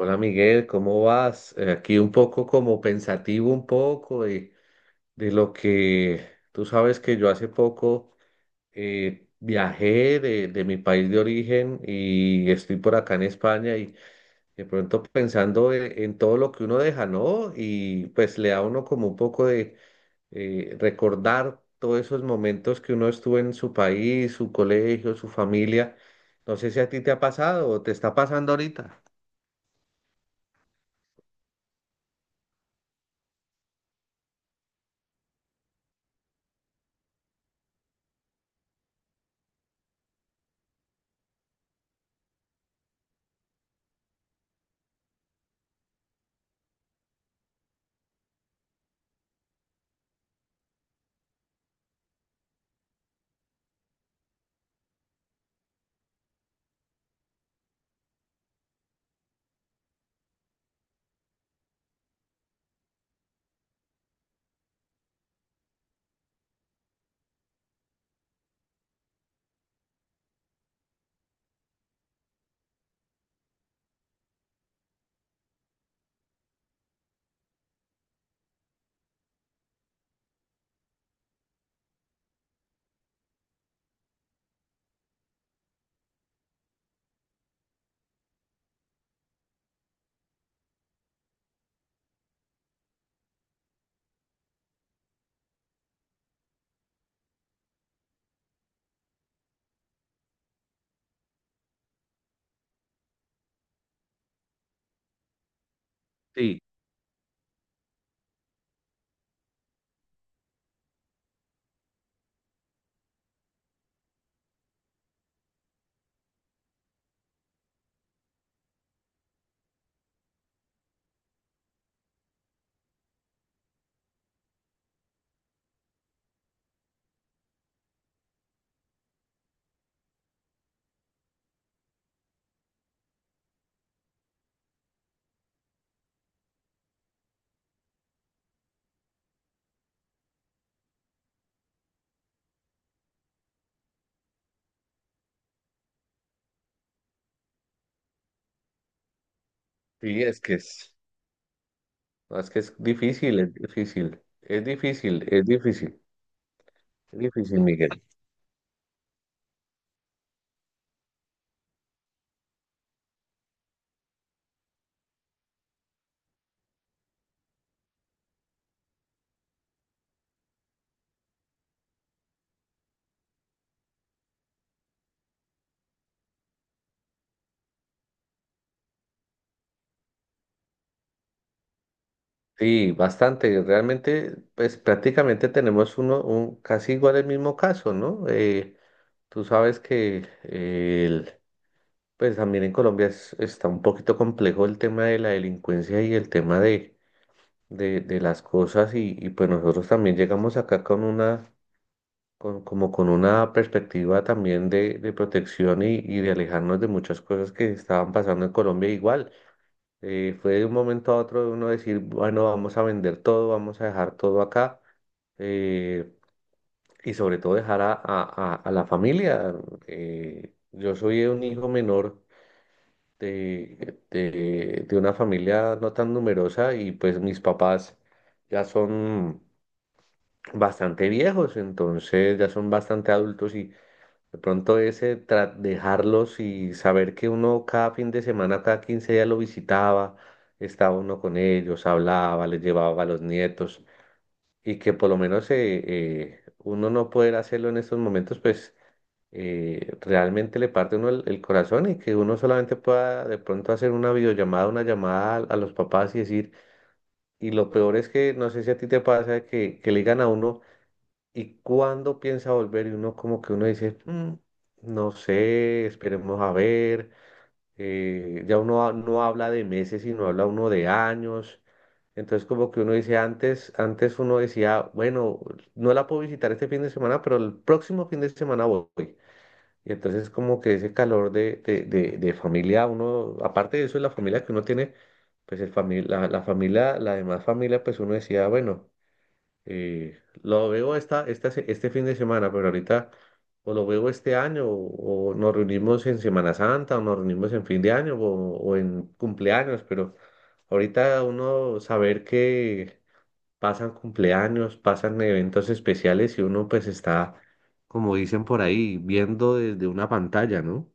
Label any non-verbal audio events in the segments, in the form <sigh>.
Hola Miguel, ¿cómo vas? Aquí un poco como pensativo un poco de lo que tú sabes que yo hace poco viajé de mi país de origen y estoy por acá en España y de pronto pensando en todo lo que uno deja, ¿no? Y pues le da a uno como un poco de recordar todos esos momentos que uno estuvo en su país, su colegio, su familia. No sé si a ti te ha pasado o te está pasando ahorita. Sí, sí, es que es. No, es que es difícil, es difícil, Miguel. Sí, bastante. Realmente, pues prácticamente tenemos un casi igual el mismo caso, ¿no? Tú sabes que pues también en Colombia está un poquito complejo el tema de la delincuencia y el tema de las cosas y pues nosotros también llegamos acá con como con una perspectiva también de protección y de alejarnos de muchas cosas que estaban pasando en Colombia igual. Fue de un momento a otro de uno decir, bueno, vamos a vender todo, vamos a dejar todo acá. eh, y sobre todo dejar a la familia. Yo soy un hijo menor de una familia no tan numerosa y pues mis papás ya son bastante viejos, entonces ya son bastante adultos y de pronto ese dejarlos y saber que uno cada fin de semana, cada 15 días lo visitaba, estaba uno con ellos, hablaba, les llevaba a los nietos y que por lo menos uno no poder hacerlo en estos momentos, pues realmente le parte a uno el corazón y que uno solamente pueda de pronto hacer una videollamada, una llamada a los papás y decir, y lo peor es que no sé si a ti te pasa que le digan a uno y cuando piensa volver y uno como que uno dice, "Mm, no sé, esperemos a ver, ya uno no habla de meses, sino habla uno de años, entonces como que uno dice, antes, antes uno decía, bueno, no la puedo visitar este fin de semana, pero el próximo fin de semana voy. Y entonces como que ese calor de familia, uno, aparte de eso, la familia que uno tiene, pues el la familia, la demás familia, pues uno decía, bueno. Lo veo este fin de semana, pero ahorita o lo veo este año o nos reunimos en Semana Santa o nos reunimos en fin de año o en cumpleaños, pero ahorita uno saber que pasan cumpleaños, pasan eventos especiales y uno pues está, como dicen por ahí, viendo desde una pantalla, ¿no?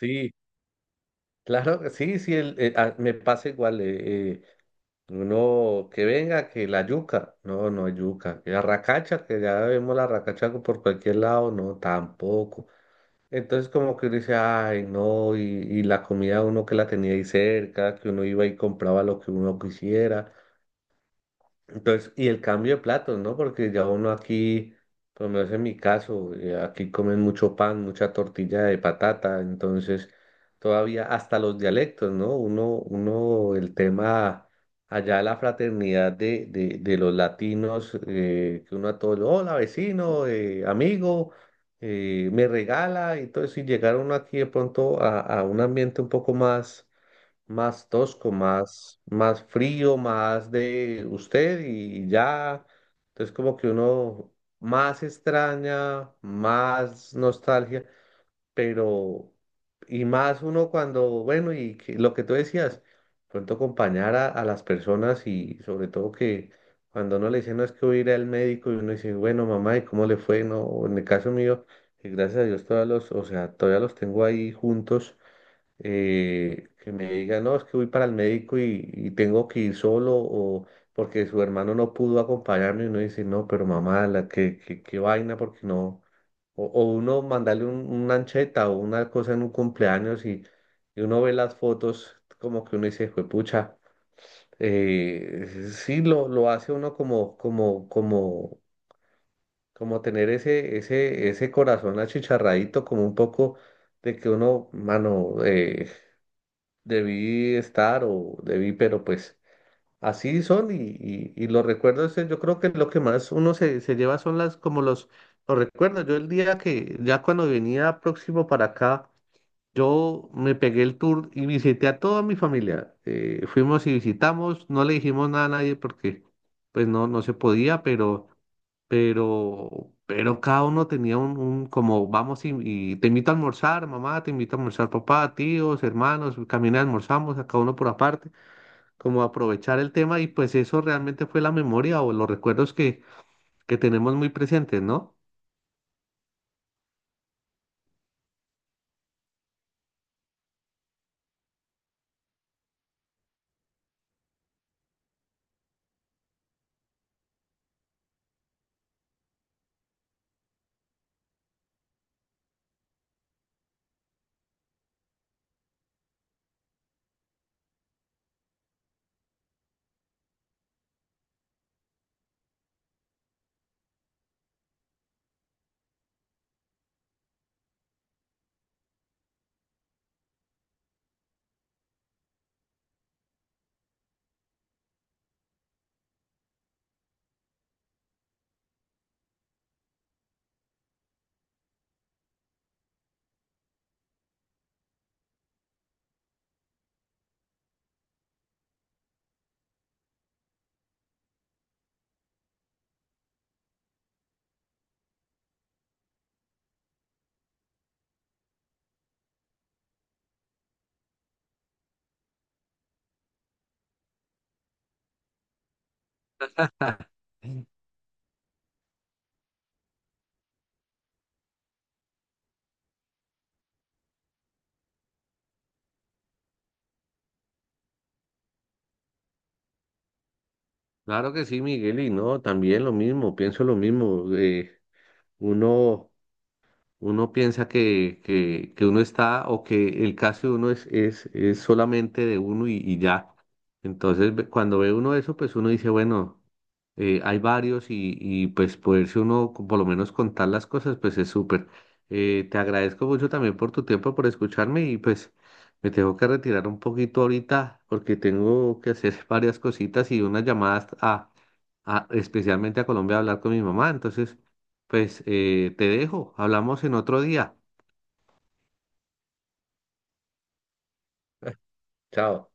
Sí, claro, sí, sí, me pasa igual. Uno, que venga, que la yuca. No, no hay yuca. Que la racacha, que ya vemos la racacha por cualquier lado. No, tampoco. Entonces como que uno dice, ay, no, y la comida uno que la tenía ahí cerca, que uno iba y compraba lo que uno quisiera. Entonces, y el cambio de platos, ¿no? Porque ya uno aquí, por lo menos en mi caso, aquí comen mucho pan, mucha tortilla de patata, entonces todavía hasta los dialectos, ¿no? El tema allá de la fraternidad de los latinos, que uno a todos, hola vecino, amigo, me regala, entonces si llegar uno aquí de pronto a un ambiente un poco más tosco, más frío, más de usted y ya. Entonces como que uno más extraña, más nostalgia, pero y más uno cuando, bueno, lo que tú decías, pronto acompañar a las personas y sobre todo que cuando uno le dice, no es que voy a ir al médico y uno dice, bueno, mamá, ¿y cómo le fue? No, en el caso mío, que gracias a Dios todavía o sea, todavía los tengo ahí juntos que me diga, no, es que voy para el médico y tengo que ir solo o porque su hermano no pudo acompañarme y uno dice, no, pero mamá, qué, qué vaina, porque no. O uno mandarle una ancheta o una cosa en un cumpleaños y uno ve las fotos como que uno dice, juepucha, eh, lo hace uno como tener ese corazón achicharradito, como un poco de que uno, mano, debí estar o debí, pero pues así son y los recuerdos, yo creo que lo que más uno se lleva son los recuerdos. Yo el día que, ya cuando venía próximo para acá, yo me pegué el tour y visité a toda mi familia. Fuimos y visitamos, no le dijimos nada a nadie porque pues no, no se podía, pero, pero cada uno tenía un como vamos y te invito a almorzar, mamá, te invito a almorzar, papá, tíos, hermanos, caminé, almorzamos, a cada uno por aparte, como aprovechar el tema y pues eso realmente fue la memoria o los recuerdos que tenemos muy presentes, ¿no? Claro que sí, Miguel, y no, también lo mismo, pienso lo mismo. Uno... Uno piensa que uno está o que el caso de uno es solamente de uno y ya. Entonces, cuando ve uno eso, pues uno dice, bueno, hay varios y pues poderse uno por lo menos contar las cosas, pues es súper. Te agradezco mucho también por tu tiempo, por escucharme y pues me tengo que retirar un poquito ahorita porque tengo que hacer <laughs> varias cositas y unas llamadas a especialmente a Colombia a hablar con mi mamá. Entonces... Pues te dejo, hablamos en otro día. Chao.